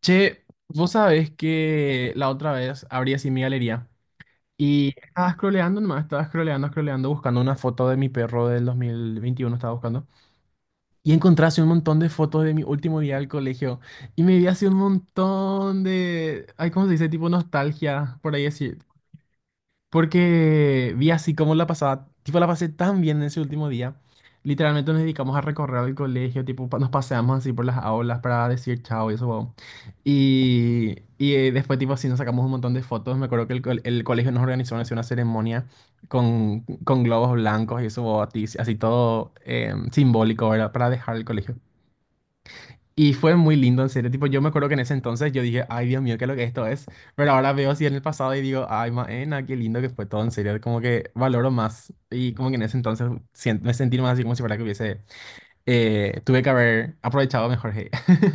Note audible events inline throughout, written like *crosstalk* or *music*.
Che, vos sabés que la otra vez abrí así mi galería y estaba scrolleando nomás, estaba scrolleando, scrolleando, buscando una foto de mi perro del 2021, estaba buscando. Y encontré así un montón de fotos de mi último día del colegio y me vi así un montón de, ay, ¿cómo se dice? Tipo nostalgia, por ahí así, porque vi así como la pasaba, tipo la pasé tan bien en ese último día. Literalmente nos dedicamos a recorrer el colegio, tipo nos paseamos así por las aulas para decir chao y eso, wow. Y, después tipo así nos sacamos un montón de fotos. Me acuerdo que el colegio nos organizó así una ceremonia con globos blancos y eso, wow, así todo simbólico, ¿verdad? Para dejar el colegio. Y fue muy lindo, en serio. Tipo, yo me acuerdo que en ese entonces yo dije, ay, Dios mío, qué es lo que esto es. Pero ahora veo así en el pasado y digo, ay, maena, qué lindo que fue todo, en serio. Como que valoro más. Y como que en ese entonces me sentí más así como si fuera que hubiese, tuve que haber aprovechado mejor, hey. *laughs*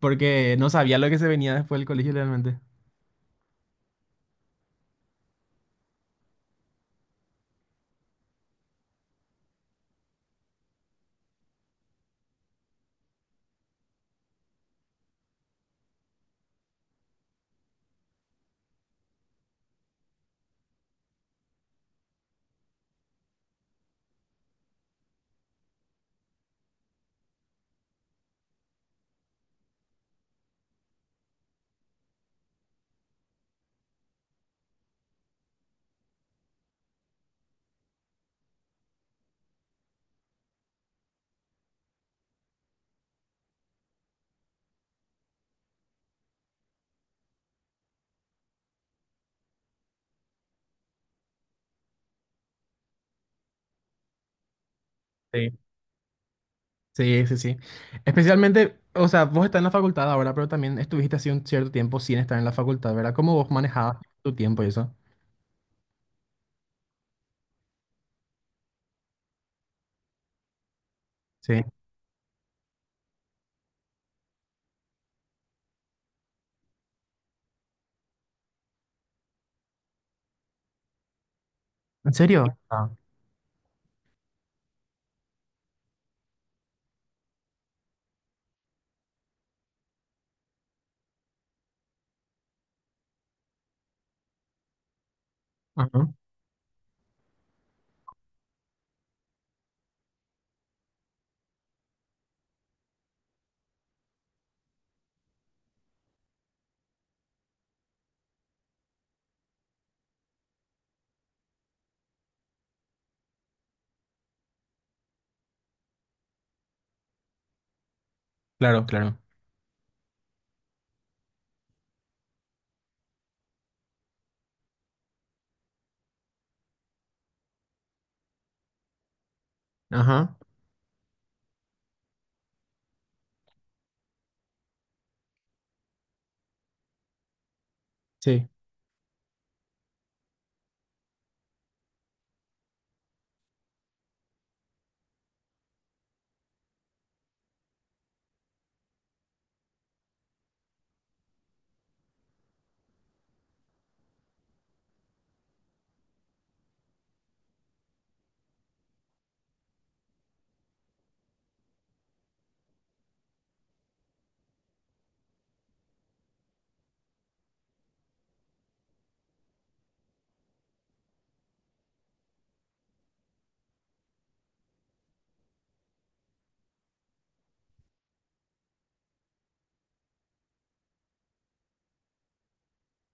Porque no sabía lo que se venía después del colegio realmente. Sí. Sí, sí, sí. Especialmente, o sea, vos estás en la facultad ahora, pero también estuviste así un cierto tiempo sin estar en la facultad, ¿verdad? ¿Cómo vos manejabas tu tiempo y eso? Sí. ¿En serio? Ah. Ajá. Claro, claro. Ajá, sí,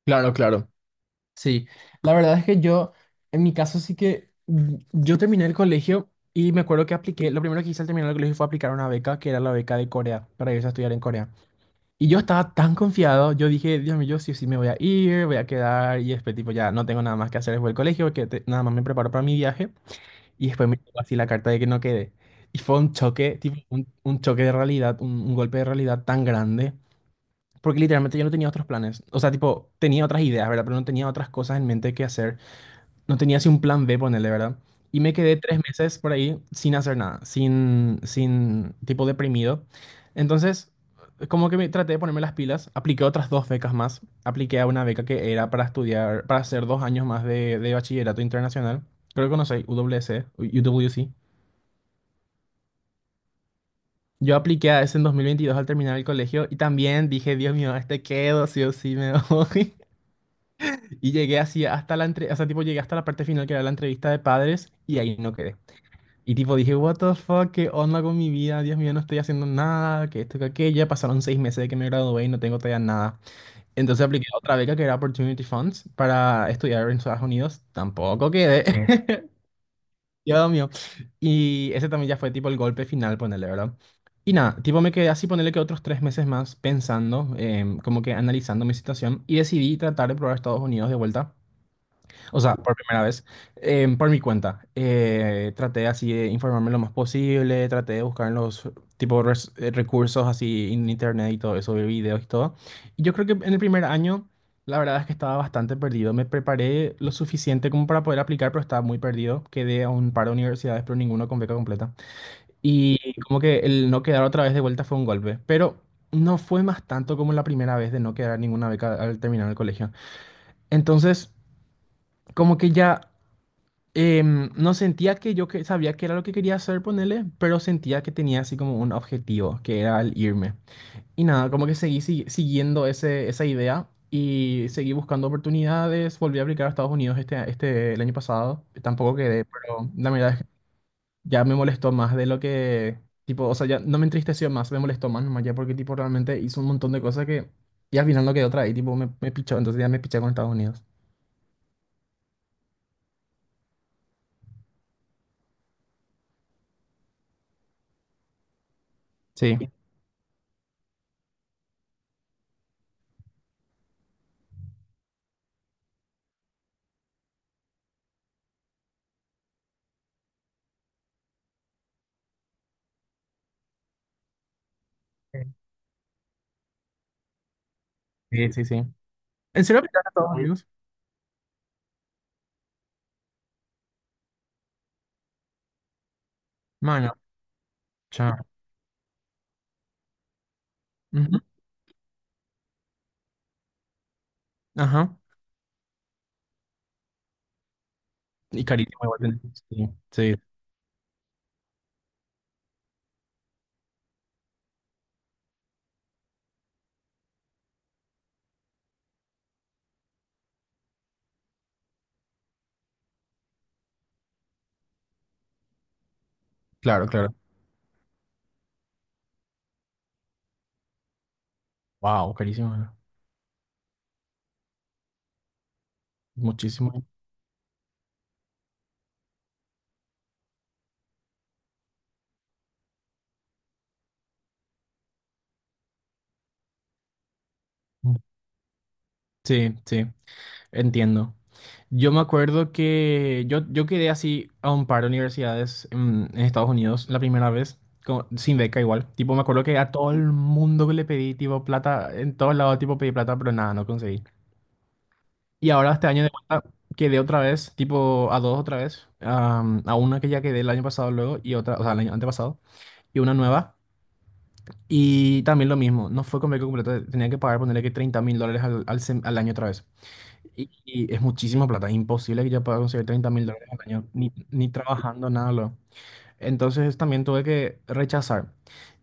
claro, claro. Sí, la verdad es que yo, en mi caso sí que, yo terminé el colegio y me acuerdo que apliqué, lo primero que hice al terminar el colegio fue aplicar una beca, que era la beca de Corea, para irse a estudiar en Corea. Y yo estaba tan confiado, yo dije, Dios mío, yo sí o sí me voy a ir, voy a quedar, y después tipo ya no tengo nada más que hacer después del colegio, que nada más me preparo para mi viaje, y después me llegó así la carta de que no quedé. Y fue un choque, tipo un choque de realidad, un golpe de realidad tan grande. Porque literalmente yo no tenía otros planes. O sea, tipo, tenía otras ideas, ¿verdad? Pero no tenía otras cosas en mente que hacer. No tenía así un plan B, ponerle, ¿verdad? Y me quedé 3 meses por ahí sin hacer nada, sin, tipo, deprimido. Entonces, como que me traté de ponerme las pilas, apliqué otras dos becas más. Apliqué a una beca que era para estudiar, para hacer 2 años más de bachillerato internacional. Creo que conocéis, UWC, U W C. Yo apliqué a ese en 2022 al terminar el colegio y también dije, Dios mío, a este quedo, sí o sí me voy. *laughs* Y llegué así hasta la entre, o sea, tipo llegué hasta la parte final que era la entrevista de padres y ahí no quedé. Y tipo dije, what the fuck, qué onda con mi vida, Dios mío, no estoy haciendo nada, que esto, que aquello. Ya pasaron 6 meses de que me gradué y no tengo todavía nada. Entonces apliqué a otra beca que era Opportunity Funds para estudiar en Estados Unidos. Tampoco quedé. *laughs* Dios mío. Y ese también ya fue tipo el golpe final, ponele, ¿verdad? Y nada, tipo me quedé así, ponerle que otros 3 meses más pensando, como que analizando mi situación y decidí tratar de probar Estados Unidos de vuelta. O sea, por primera vez, por mi cuenta. Traté así de informarme lo más posible, traté de buscar en los tipo recursos así en internet y todo eso, ver videos y todo. Y yo creo que en el primer año, la verdad es que estaba bastante perdido. Me preparé lo suficiente como para poder aplicar, pero estaba muy perdido. Quedé a un par de universidades, pero ninguno con beca completa. Y como que el no quedar otra vez de vuelta fue un golpe. Pero no fue más tanto como la primera vez de no quedar ninguna beca al terminar el colegio. Entonces, como que ya no sentía que yo que sabía que era lo que quería hacer, ponele, pero sentía que tenía así como un objetivo, que era el irme. Y nada, como que seguí siguiendo esa idea y seguí buscando oportunidades. Volví a aplicar a Estados Unidos este, el año pasado. Tampoco quedé, pero la verdad es que ya me molestó más de lo que, tipo, o sea, ya no me entristeció más, me molestó más nomás ya porque, tipo, realmente hizo un montón de cosas que, y al final no quedó otra y, tipo, me pichó, entonces ya me piché con Estados Unidos. Sí. Sí, sí, sí. ¿En serio aplicaste a Estados Unidos? Chao. Ujú, ajá. Y carísimo igualmente. Sí, sí, claro, claro. Wow, carísimo. ¿No? Muchísimo. Sí, sí, entiendo. Yo me acuerdo que yo, quedé así a un par de universidades en Estados Unidos la primera vez, sin beca igual. Tipo, me acuerdo que a todo el mundo que le pedí, tipo, plata, en todos lados, tipo, pedí plata, pero nada, no conseguí. Y ahora este año de vuelta quedé otra vez, tipo, a dos otra vez, a una que ya quedé el año pasado luego y otra, o sea, el año antepasado, y una nueva. Y también lo mismo, no fue convenio completo, tenía que pagar, ponerle que $30.000 al año otra vez. Y es muchísima plata, imposible que yo pueda conseguir $30.000 al año, ni trabajando, nada. Entonces también tuve que rechazar.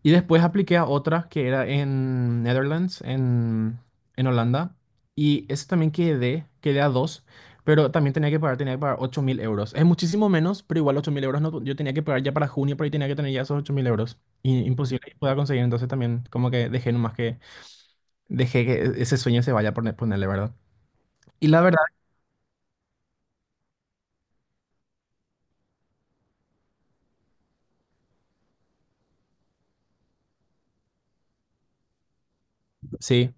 Y después apliqué a otra que era en Netherlands, en Holanda. Y ese también quedé a dos, pero también tenía que pagar 8.000 euros. Es muchísimo menos, pero igual 8.000 € no, yo tenía que pagar ya para junio, por ahí tenía que tener ya esos 8.000 euros. Y imposible que pueda conseguir, entonces también como que dejé que ese sueño se vaya por ponerle, ¿verdad? Y la verdad, sí.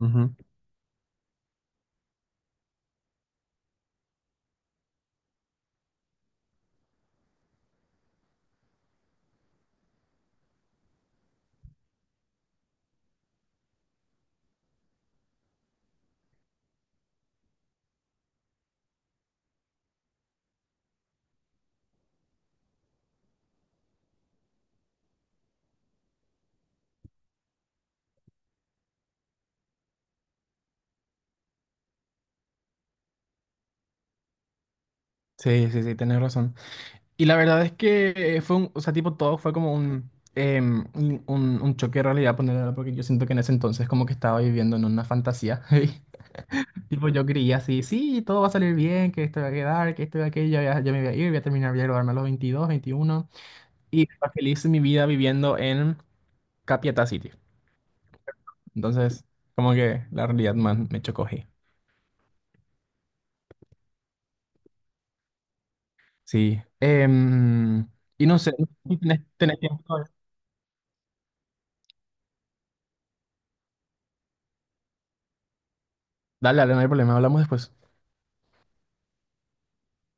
Ujú, sí, sí, sí, tenés razón. Y la verdad es que fue un, o sea, tipo, todo fue como un, em, un choque de realidad, ponerlo, porque yo siento que en ese entonces como que estaba viviendo en una fantasía. *laughs* ¿Sí? Tipo, yo creía así, sí, todo va a salir bien, que esto va a quedar, que esto va a aquello, ya me voy a ir, voy a terminar, voy a graduarme a los 22, 21. Y estaba feliz mi vida viviendo en Capiatá City. Entonces, como que la realidad más me chocó ahí. Sí. Y no sé, ¿tenés tiempo? Dale, dale, no hay problema, hablamos después.